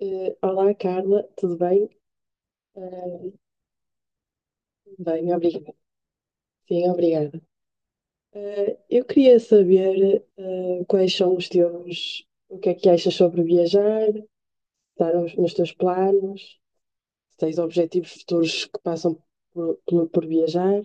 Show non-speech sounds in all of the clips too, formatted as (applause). Olá, Carla, tudo bem? Eh, Bem, obrigada. Sim, obrigada. Eu queria saber, quais são os teus, o que é que achas sobre viajar, estar nos teus planos, se tens objetivos futuros que passam por viajar.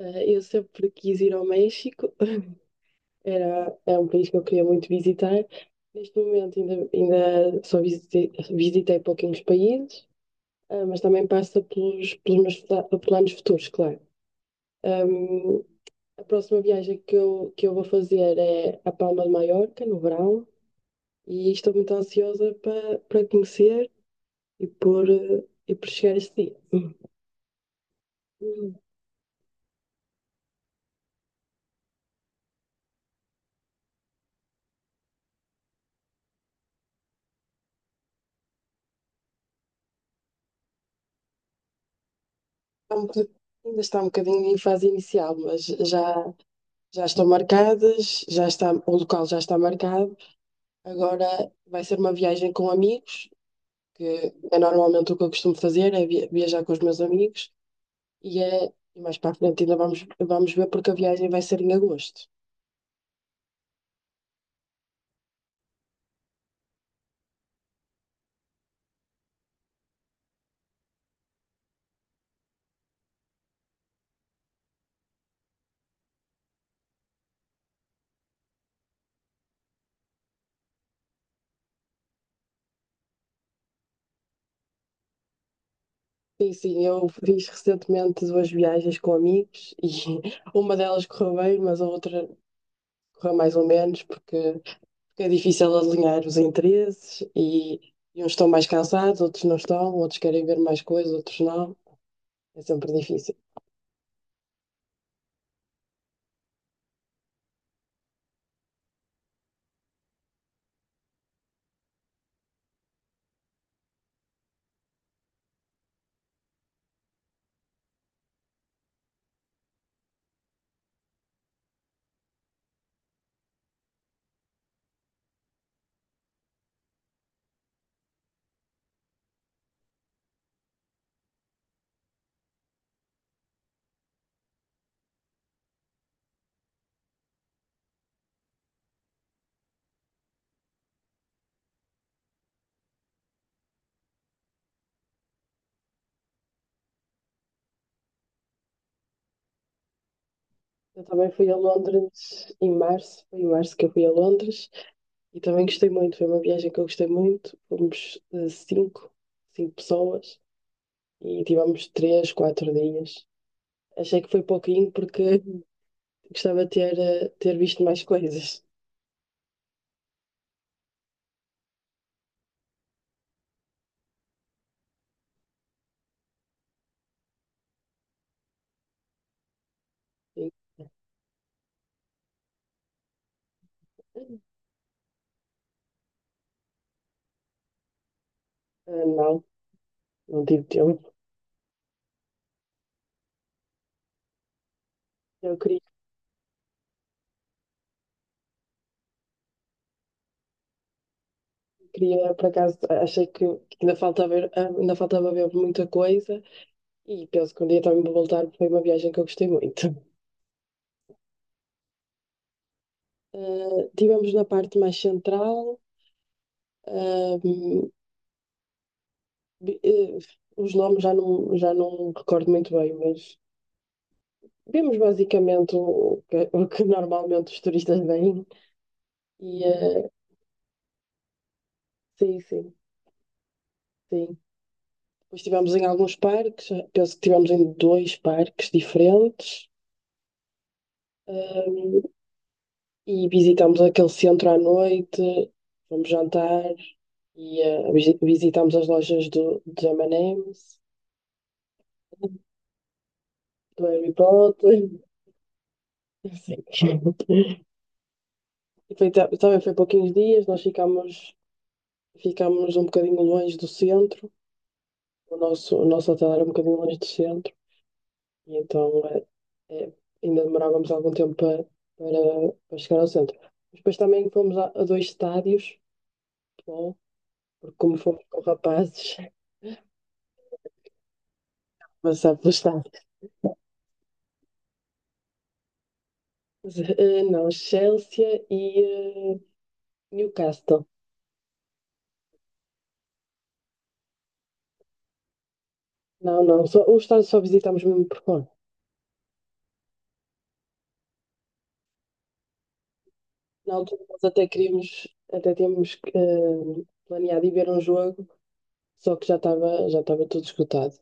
Eu sempre quis ir ao México, (laughs) é um país que eu queria muito visitar. Neste momento ainda só visitei pouquinhos países, ah, mas também passa pelos meus planos futuros, claro. Um, a próxima viagem que que eu vou fazer é a Palma de Maiorca, no verão, e estou muito ansiosa para conhecer e e por chegar a esse dia. Hum. Está um boc- Ainda está um bocadinho em fase inicial, mas já, já estão marcadas, já está, o local já está marcado. Agora vai ser uma viagem com amigos, que é normalmente o que eu costumo fazer, é viajar com os meus amigos, e e mais para a frente ainda vamos ver porque a viagem vai ser em agosto. Sim, sim, eu fiz recentemente duas viagens com amigos e (laughs) uma delas correu bem, mas a outra correu mais ou menos, porque é difícil alinhar os interesses e uns estão mais cansados, outros não estão, outros querem ver mais coisas, outros não. É sempre difícil. Eu também fui a Londres em março, foi em março que eu fui a Londres e também gostei muito, foi uma viagem que eu gostei muito. Fomos cinco pessoas e tivemos três, quatro dias. Achei que foi pouquinho porque gostava de ter visto mais coisas. Sim. Ah, não, não tive tempo. Eu queria, por acaso, achei que ainda faltava ver, ah, ainda faltava ver muita coisa e penso que um dia também vou voltar, porque foi uma viagem que eu gostei muito. Ah, estivemos na parte mais central, ah, vi- eh, os nomes já não recordo muito bem, mas vimos basicamente o que normalmente os turistas veem e sim, sim, sim. Depois estivemos em alguns parques, penso que estivemos em dois parques diferentes, hum, e visitamos aquele centro à noite, fomos jantar e visitamos as lojas dos M&M's, do Harry Potter, (laughs) assim. E também foi pouquinhos dias, ficámos um bocadinho longe do centro, o nosso hotel era um bocadinho longe do centro. E então eh, ainda demorávamos algum tempo para chegar ao centro. Mas depois também fomos a dois estádios de futebol, porque como fomos com rapazes, (laughs) passar pelo estádio. Mas, eh, não, Chelsea e Newcastle. Não, não, o estádio só visitamos mesmo por fora. Na altura nós até queríamos, até tínhamos planeado ir ver um jogo, só que já estava tudo esgotado.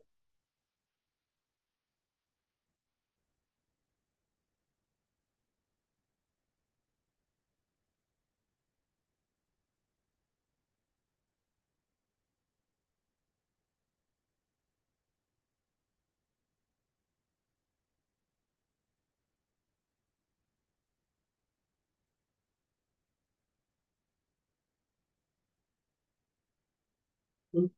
Hum.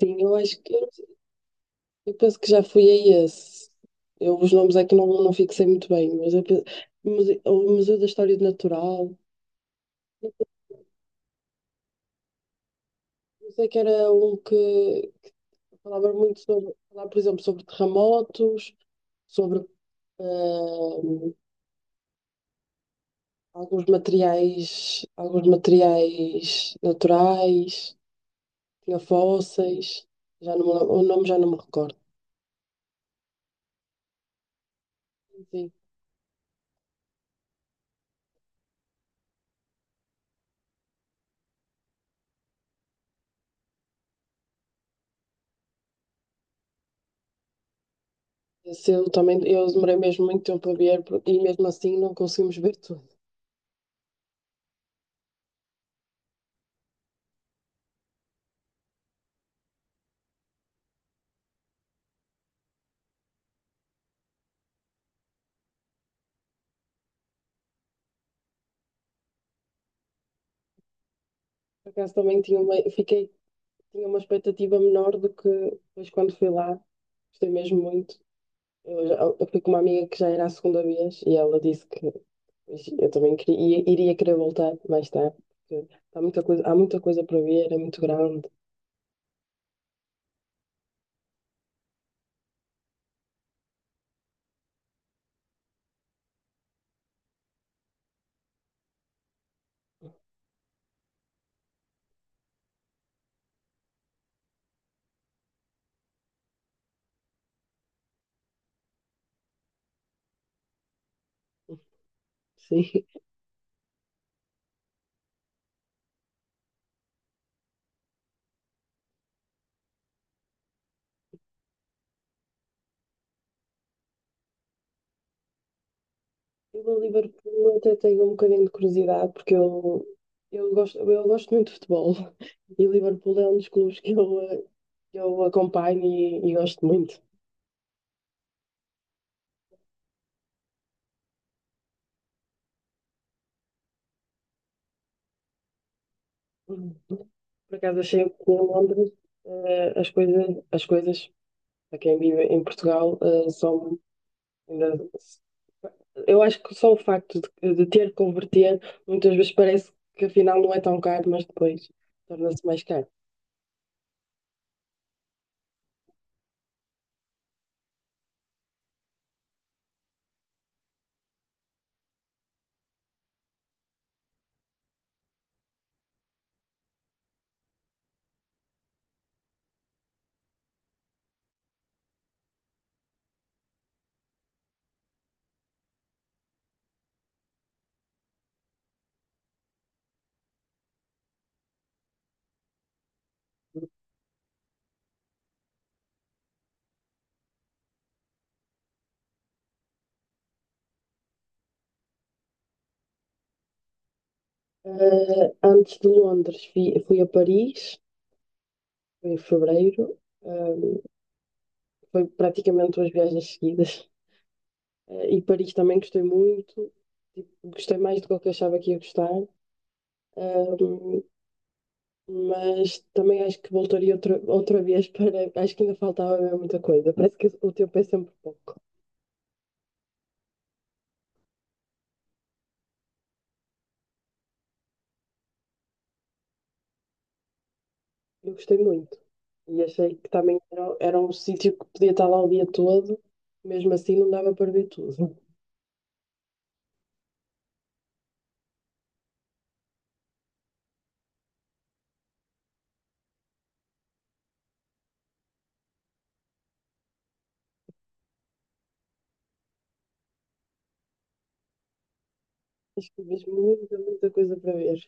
Sim, eu acho eu penso que já fui a esse. Eu os nomes é que não fixei muito bem, mas eu penso, o Museu da História do Natural. Não sei que era um que falava muito sobre, falava, por exemplo, sobre terremotos, sobre eh, alguns alguns materiais naturais, tinha fósseis, já não, me lem- o nome já não me recordo. Sim, esse eu também, eu demorei mesmo muito tempo a ver, e mesmo assim não conseguimos ver tudo. Por acaso também tinha uma expectativa menor do que depois quando fui lá. Gostei mesmo muito. Eu fui com uma amiga que já era a segunda vez e ela disse que eu também iria querer voltar mais tarde, porque há muita coisa para ver, é muito grande. (laughs) Sim. Eu a Liverpool até tenho um bocadinho de curiosidade, porque eu eu gosto muito de futebol (laughs) e Liverpool é um dos clubes que que eu acompanho e gosto muito. Por acaso achei que em Londres eh, as coisas, as coisas para quem vive em Portugal são ainda, eu acho que só o facto de ter que converter, muitas vezes parece que afinal não é tão caro, mas depois torna-se mais caro. Eh, antes de Londres, fui a Paris, foi em fevereiro, eh, foi praticamente duas viagens seguidas. E Paris também gostei muito, tipo, gostei mais do que eu achava que ia gostar. Ah, mas também acho que voltaria outra vez para. Acho que ainda faltava mesmo muita coisa. Parece que o tempo é sempre pouco. Eu gostei muito e achei que também era um sítio que podia estar lá o dia todo, mesmo assim não dava para ver tudo. (laughs) Acho que mesmo muita coisa para ver.